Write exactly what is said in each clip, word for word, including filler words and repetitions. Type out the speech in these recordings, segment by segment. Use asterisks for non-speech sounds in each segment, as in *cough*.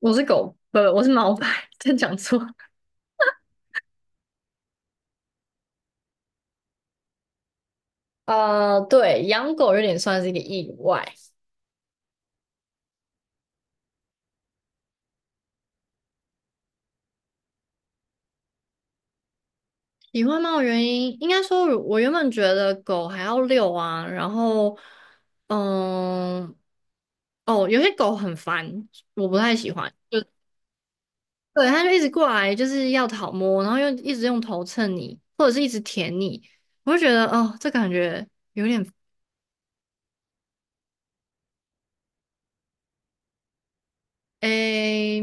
我是狗，不，我是毛白 *laughs* 真讲错。呃，对，养狗有点算是一个意外。喜欢猫的原因，应该说我我原本觉得狗还要遛啊，然后，嗯，哦，有些狗很烦，我不太喜欢。对，它就一直过来，就是要讨摸，然后又一直用头蹭你，或者是一直舔你，我就觉得哦，这感觉有点诶。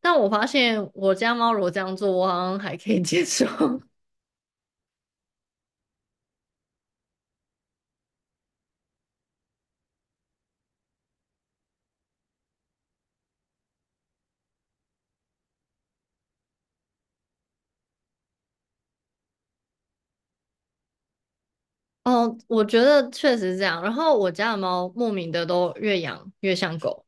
但我发现我家猫如果这样做，我好像还可以接受。*laughs* 哦，我觉得确实是这样。然后我家的猫莫名的都越养越像狗。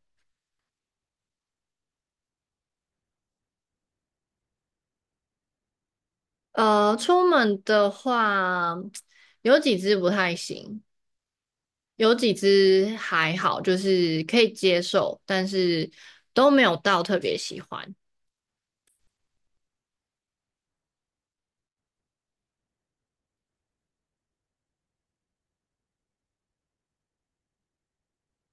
呃，出门的话，有几只不太行，有几只还好，就是可以接受，但是都没有到特别喜欢。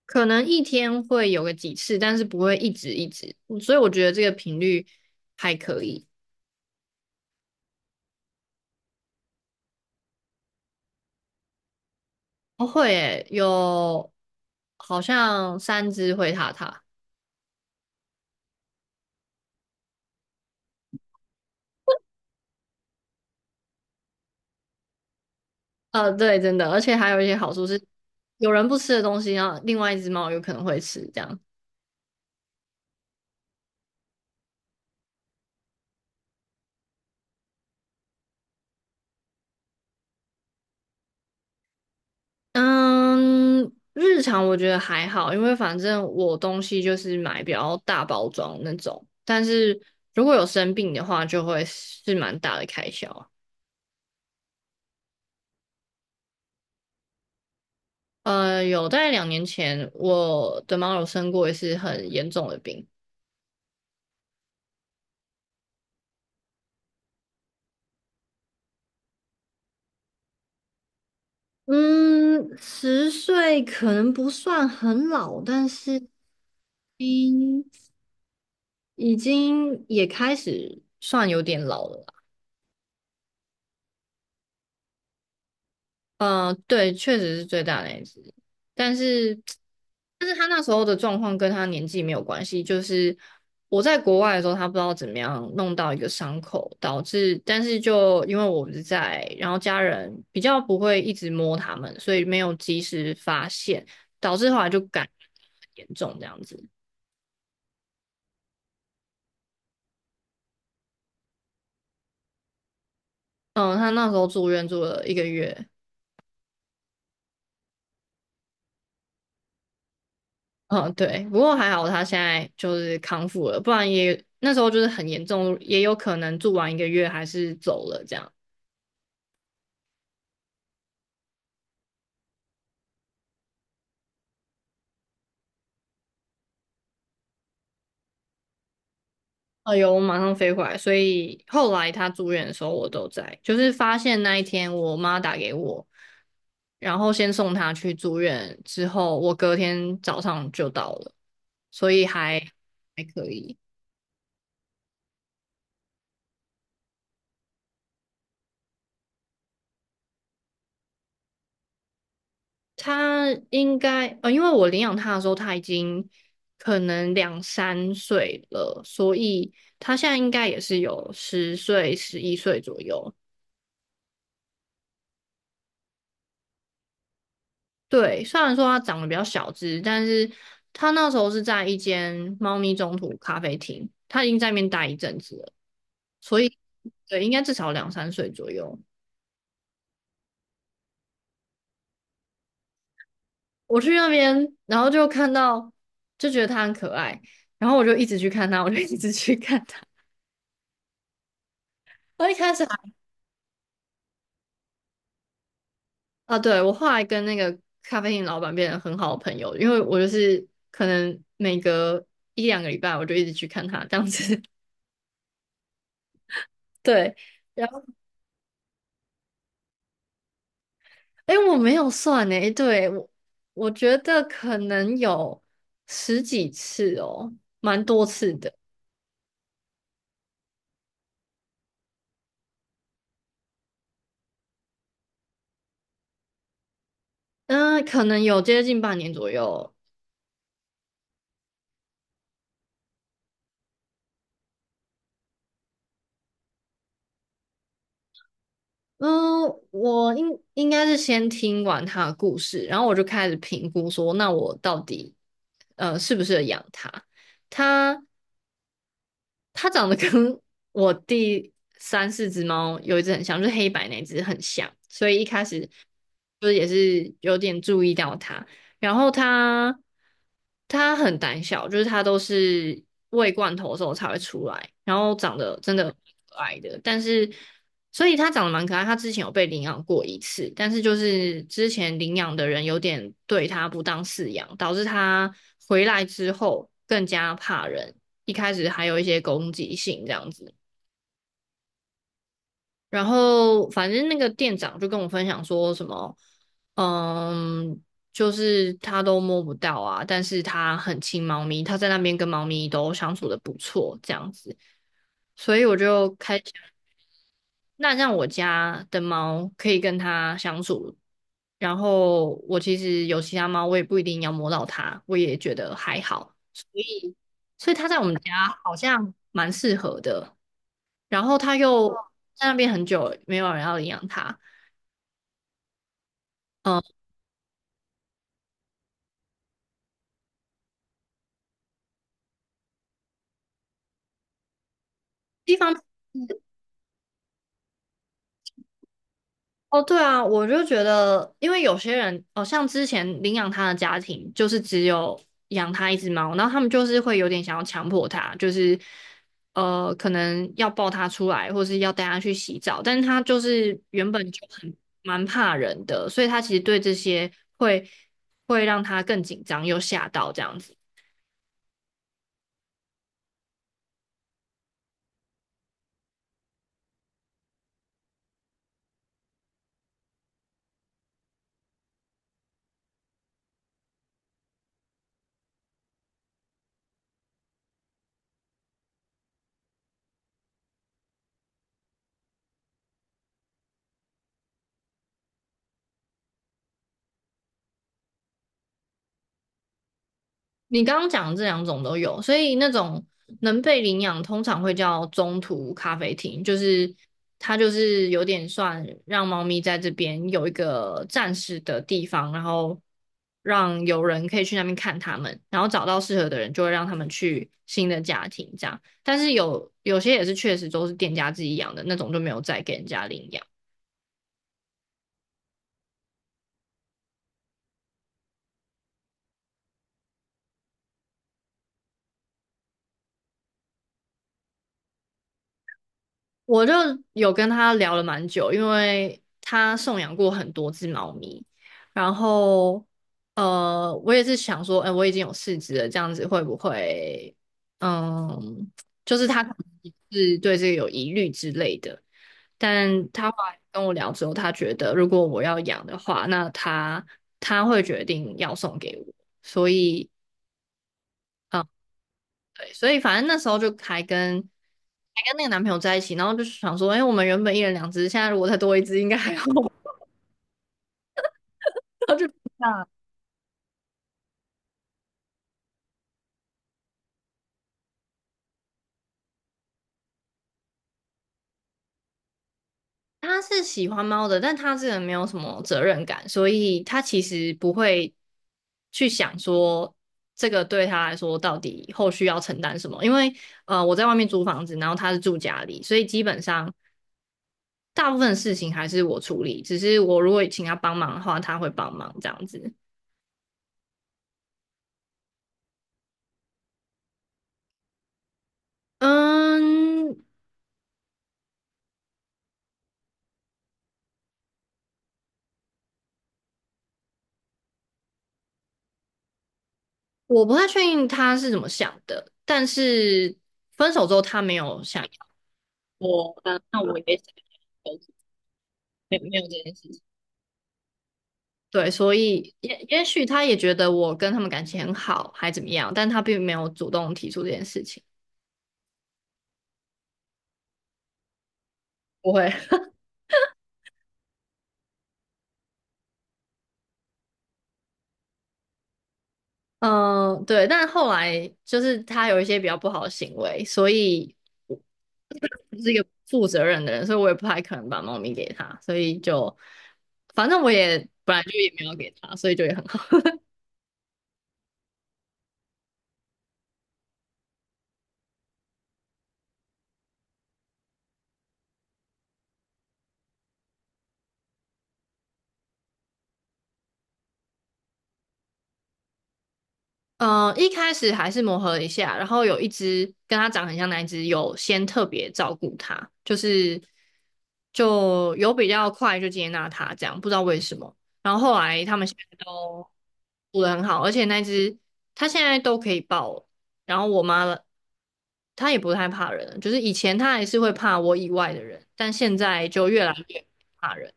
可能一天会有个几次，但是不会一直一直。所以我觉得这个频率还可以。哦，会诶，有好像三只灰塔塔。呃，对，真的，而且还有一些好处是，有人不吃的东西，然后另外一只猫有可能会吃，这样。嗯，日常我觉得还好，因为反正我东西就是买比较大包装那种，但是如果有生病的话，就会是蛮大的开销啊。呃，有在两年前，我的猫有生过一次很严重的病。嗯，十岁可能不算很老，但是。嗯已经也开始算有点老了啦。呃，对，确实是最大那一只，但是，但是他那时候的状况跟他年纪没有关系，就是我在国外的时候，他不知道怎么样弄到一个伤口，导致，但是就因为我不在，然后家人比较不会一直摸他们，所以没有及时发现，导致后来就感染得很严重这样子。嗯，他那时候住院住了一个月，嗯，对，不过还好他现在就是康复了，不然也那时候就是很严重，也有可能住完一个月还是走了这样。哎呦，我马上飞回来，所以后来他住院的时候我都在，就是发现那一天我妈打给我，然后先送他去住院，之后我隔天早上就到了，所以还还可以。他应该，呃，因为我领养他的时候，他已经可能两三岁了，所以他现在应该也是有十岁、十一岁左右。对，虽然说他长得比较小只，但是他那时候是在一间猫咪中途咖啡厅，他已经在那边待一阵子了，所以对，应该至少两三岁左右。我去那边，然后就看到，就觉得他很可爱，然后我就一直去看他，我就一直去看他。*laughs* 我一开始啊，对，我后来跟那个咖啡店老板变成很好的朋友，因为我就是可能每隔一两个礼拜我就一直去看他这样子。*laughs* 对，然后哎，诶我没有算哎，诶对，我我觉得可能有十几次哦，蛮多次的。嗯、可能有接近半年左右。嗯，我应应该是先听完他的故事，然后我就开始评估说，那我到底呃适不适合养它？他它长得跟我第三四只猫有一只很像，就是黑白那只很像，所以一开始就是也是有点注意到它。然后它它很胆小，就是它都是喂罐头的时候才会出来，然后长得真的可爱的，但是。所以它长得蛮可爱，它之前有被领养过一次，但是就是之前领养的人有点对它不当饲养，导致它回来之后更加怕人。一开始还有一些攻击性这样子。然后反正那个店长就跟我分享说什么，嗯，就是他都摸不到啊，但是他很亲猫咪，他在那边跟猫咪都相处的不错这样子。所以我就开始，那让我家的猫可以跟它相处，然后我其实有其他猫，我也不一定要摸到它，我也觉得还好。所以它在我们家好像蛮适合的。然后他又在那边很久，没有人要领养他。嗯、一方面是哦，对啊，我就觉得，因为有些人，哦，像之前领养他的家庭，就是只有养他一只猫，然后他们就是会有点想要强迫他，就是呃，可能要抱他出来，或是要带他去洗澡，但是他就是原本就很蛮怕人的，所以他其实对这些会会让他更紧张，又吓到这样子。你刚刚讲的这两种都有，所以那种能被领养通常会叫中途咖啡厅，就是它就是有点算让猫咪在这边有一个暂时的地方，然后让有人可以去那边看它们，然后找到适合的人就会让他们去新的家庭这样。但是有有些也是确实都是店家自己养的那种，就没有再给人家领养。我就有跟他聊了蛮久，因为他送养过很多只猫咪，然后呃，我也是想说，哎、我已经有四只了，这样子会不会，嗯，就是他可能是对这个有疑虑之类的。但他后来跟我聊之后，他觉得如果我要养的话，那他他会决定要送给我，所以。呃对，所以反正那时候就还跟还跟那个男朋友在一起，然后就是想说，哎、我们原本一人两只，现在如果再多一只，应该还好。*laughs* 然后就那他是喜欢猫的，但他这个人没有什么责任感，所以他其实不会去想说这个对他来说到底后续要承担什么。因为呃，我在外面租房子，然后他是住家里，所以基本上大部分的事情还是我处理，只是我如果请他帮忙的话，他会帮忙这样子。嗯，我不太确定他是怎么想的，但是分手之后他没有想要我，那那我也想要没有没有这件事情。对，所以也也许他也觉得我跟他们感情很好，还怎么样，但他并没有主动提出这件事情。不会。*laughs* 嗯，对，但后来就是他有一些比较不好的行为，所以我 *laughs* 是一个负责任的人，所以我也不太可能把猫咪给他，所以就反正我也本来就也没有给他，所以就也很好。嗯、呃，一开始还是磨合一下，然后有一只跟它长很像那一只，有先特别照顾它，就是就有比较快就接纳它这样，不知道为什么。然后后来他们现在都处得很好，而且那只它现在都可以抱了，然后我妈了，它也不太怕人了就是以前它还是会怕我以外的人，但现在就越来越不怕人。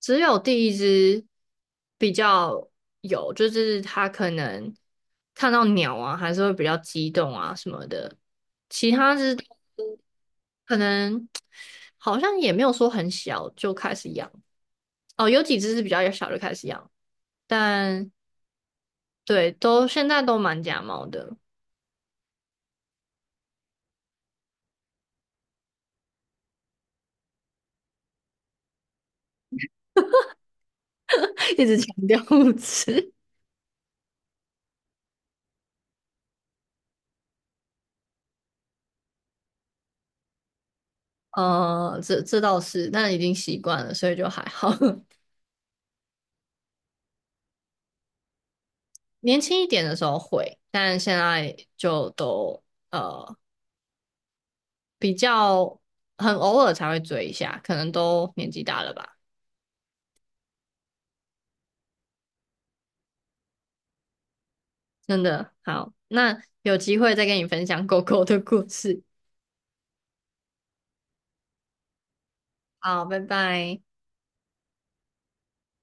只有第一只比较有，就是它可能看到鸟啊，还是会比较激动啊什么的。其他只可能 *tsk* 好像也没有说很小就开始养哦，有几只是比较小就开始养，但对，都现在都蛮假猫的，*laughs* 一直强调物质。呃，这这倒是，但已经习惯了，所以就还好。*laughs* 年轻一点的时候会，但现在就都呃比较很偶尔才会追一下，可能都年纪大了吧。真的，好，那有机会再跟你分享狗狗的故事。好，拜拜。